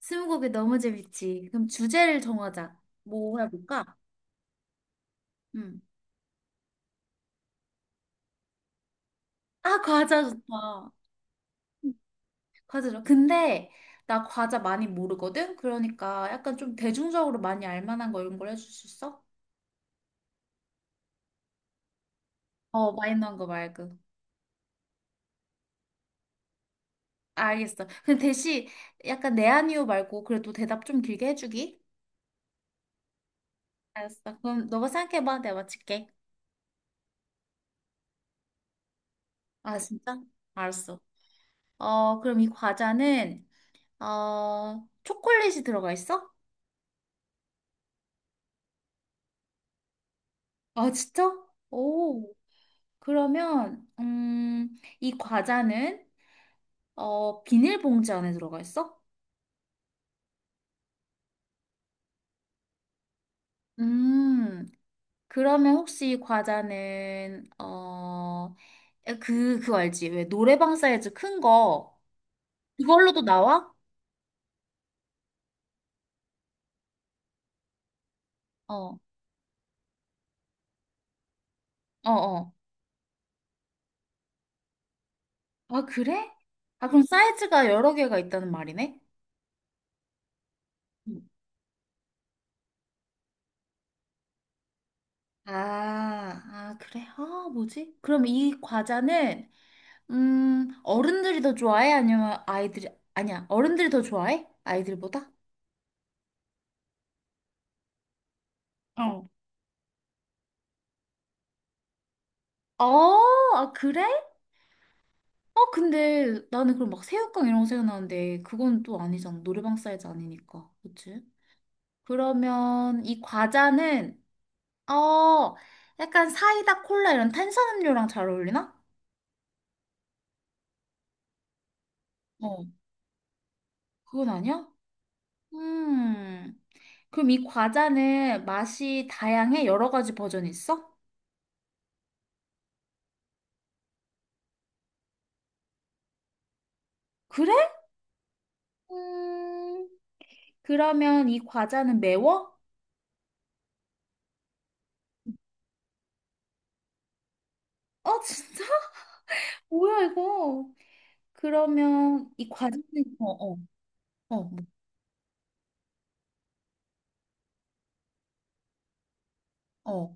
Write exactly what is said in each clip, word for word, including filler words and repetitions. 스무고개 너무 재밌지. 그럼 주제를 정하자. 뭐 해볼까? 응. 아, 과자 좋다. 과자 좋아. 근데 나 과자 많이 모르거든? 그러니까 약간 좀 대중적으로 많이 알만한 거 이런 걸 해줄 수 있어? 어, 마이너한 거 말고. 알겠어. 근데 대신 약간 네 아니요 말고 그래도 대답 좀 길게 해주기? 알았어. 그럼 너가 생각해봐. 내가 맞힐게. 아, 진짜? 알았어. 어, 그럼 이 과자는, 어, 초콜릿이 들어가 있어? 아, 진짜? 오. 그러면 음, 이 과자는 어, 비닐봉지 안에 들어가 있어? 음, 그러면 혹시 이 과자는 어, 그, 그거 알지? 왜 노래방 사이즈 큰 거, 그걸로도 나와? 어, 어, 어. 아, 그래? 아, 그럼 사이즈가 여러 개가 있다는 말이네? 음. 아, 아, 그래? 아, 뭐지? 그럼 이 과자는 음, 어른들이 더 좋아해? 아니면 아이들이, 아니야, 어른들이 더 좋아해? 아이들보다? 어. 아, 아, 그래? 아, 근데 나는 그럼 막 새우깡 이런 거 생각나는데 그건 또 아니잖아. 노래방 사이즈 아니니까. 그치? 그러면 이 과자는, 어, 약간 사이다, 콜라 이런 탄산음료랑 잘 어울리나? 어. 그건 아니야? 음. 그럼 이 과자는 맛이 다양해? 여러 가지 버전이 있어? 그래? 음. 그러면 이 과자는 매워? 어, 진짜? 뭐야, 이거? 그러면 이 과자는, 어어. 어, 뭐, 어.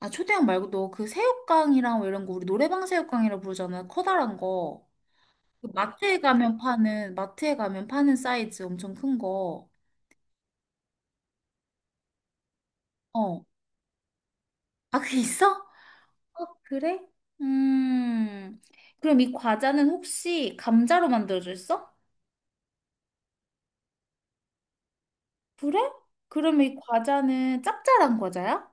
아, 초대형 말고도 그 새우깡이랑 뭐 이런 거 우리 노래방 새우깡이라고 부르잖아. 커다란 거. 그 마트에 가면 파는, 마트에 가면 파는 사이즈 엄청 큰 거. 어. 아, 그게 있어? 어, 그래? 음. 그럼 이 과자는 혹시 감자로 만들어졌어? 그래? 그럼 이 과자는 짭짤한 과자야?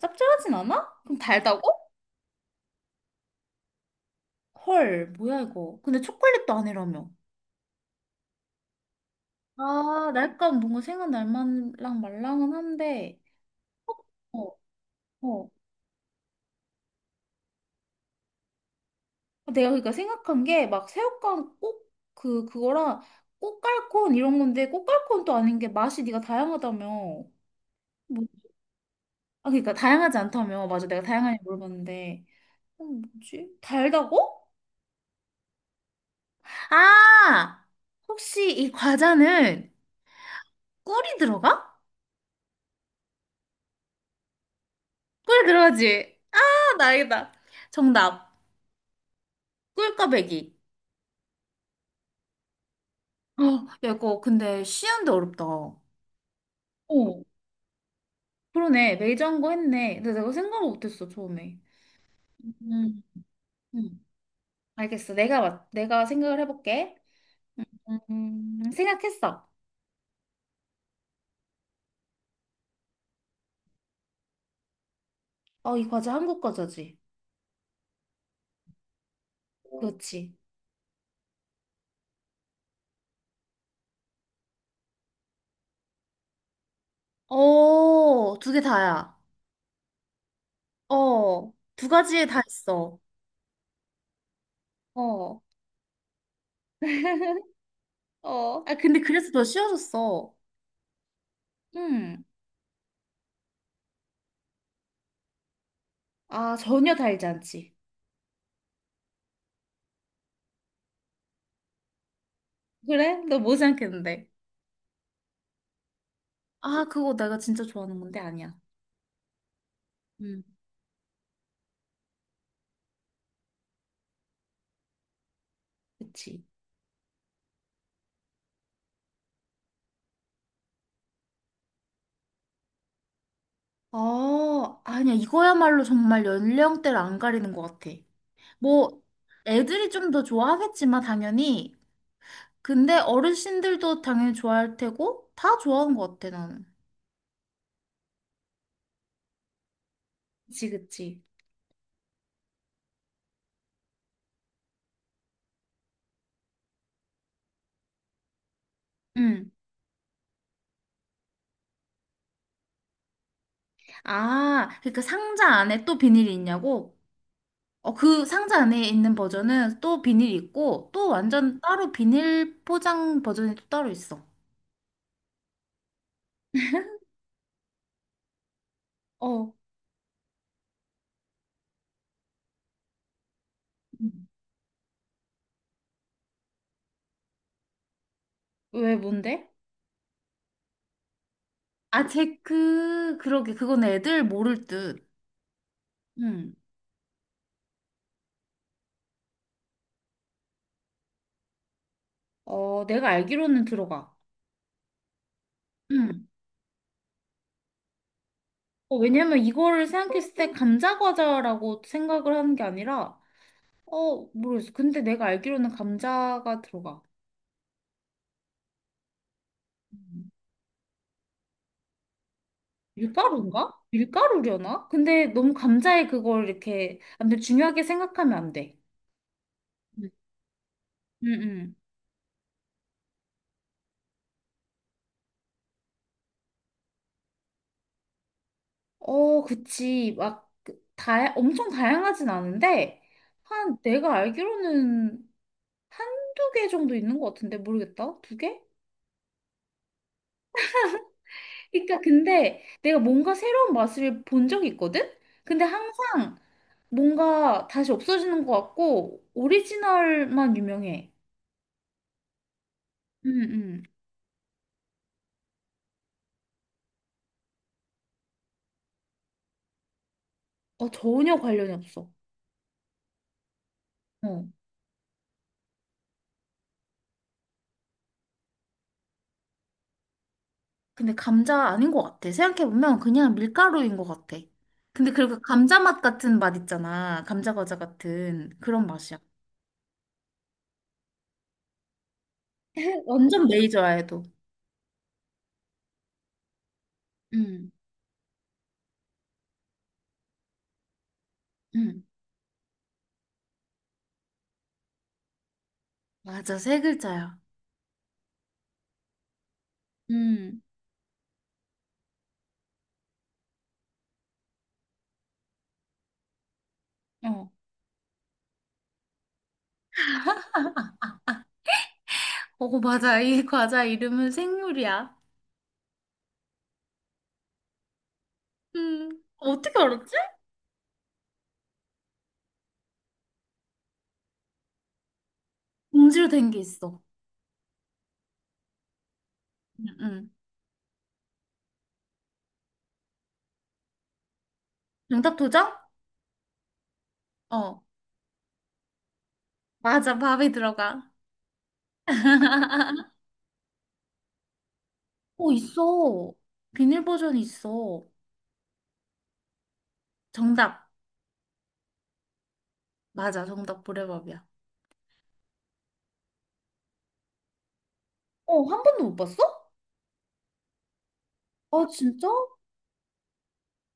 짭짤하진 않아? 그럼 달다고? 헐, 뭐야 이거. 근데 초콜릿도 아니라며. 아, 날감 뭔가 생각 날만랑 말랑은 한데. 어, 어. 내가 그러니까 생각한 게 막 새우깡 꼭 그 그거랑 꼬깔콘 이런 건데 꼬깔콘도 아닌 게 맛이 네가 다양하다며. 뭐, 아 그러니까 다양하지 않다며. 맞아. 내가 다양하게 물어봤는데. 어, 뭐지? 달다고? 아! 혹시 이 과자는 꿀이 들어가? 꿀 들어가지? 아, 나 알겠다. 정답. 꿀꽈배기. 어, 야, 이거 근데 쉬운데 어렵다. 어, 그러네. 매장고 했네. 근데 내가 생각을 못했어, 처음에. 음, 음. 알겠어. 내가, 맞- 내가 생각을 해볼게. 음, 생각했어. 어, 이 과자 한국 과자지. 그렇지. 어, 두 개 다야. 어, 두 가지에 다 있어. 어, 어, 아, 근데 그래서 더 쉬워졌어. 음. 아, 전혀 달지 않지. 그래? 너 뭐 생각했는데. 아, 그거 내가 진짜 좋아하는 건데 아니야. 음, 그치. 아, 아니야. 이거야말로 정말 연령대를 안 가리는 것 같아. 뭐, 애들이 좀 더 좋아하겠지만, 당연히. 근데 어르신들도 당연히 좋아할 테고, 다 좋아하는 것 같아, 나는. 그치, 그치. 응. 아, 그러니까 상자 안에 또 비닐이 있냐고? 어, 그 상자 안에 있는 버전은 또 비닐이 있고, 또 완전 따로 비닐 포장 버전이 또 따로 있어. 어, 음. 왜, 뭔데? 아, 제 그, 그러게. 그건 애들 모를 듯. 응. 어, 내가 알기로는 들어가. 응. 어, 왜냐면 이거를 생각했을 때 감자 과자라고 생각을 하는 게 아니라, 어, 모르겠어. 근데 내가 알기로는 감자가 들어가. 음. 밀가루인가? 밀가루려나? 근데 너무 감자에 그걸 이렇게, 아무튼 중요하게 생각하면 안 돼. 음. 응, 응. 어, 그치. 막, 그 다, 엄청 다양하진 않은데, 한, 내가 알기로는 한두 개 정도 있는 것 같은데, 모르겠다. 두 개? 그러니까 근데 내가 뭔가 새로운 맛을 본 적이 있거든? 근데 항상 뭔가 다시 없어지는 것 같고 오리지널만 유명해. 응응. 어, 전혀 관련이 없어. 어. 근데 감자 아닌 것 같아. 생각해보면 그냥 밀가루인 것 같아. 근데 그리고 감자 맛 같은 맛 있잖아. 감자 과자 같은 그런 맛이야. 완전 메이저야, 해도. 응. 응. 맞아, 세 글자야. 응. 어. 어, 맞아. 이 과자 이름은 생물이야. 음, 어떻게 알았지? 봉지로 된 게 있어. 응, 응. 정답 도전? 어, 맞아. 밥이 들어가. 어, 있어. 비닐 버전이 있어. 정답. 맞아. 정답 보레밥이야. 어, 한 번도 못 봤어? 아, 진짜?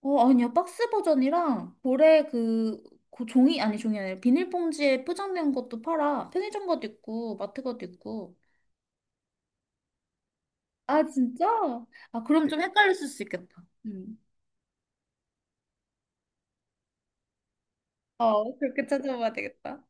어, 아니야. 박스 버전이랑 보레 그, 그 종이, 아니 종이 아니라 비닐봉지에 포장된 것도 팔아. 편의점 것도 있고, 마트 것도 있고. 아, 진짜? 아, 그럼 좀 헷갈렸을 수 있겠다. 음. 어, 그렇게 찾아봐야 되겠다.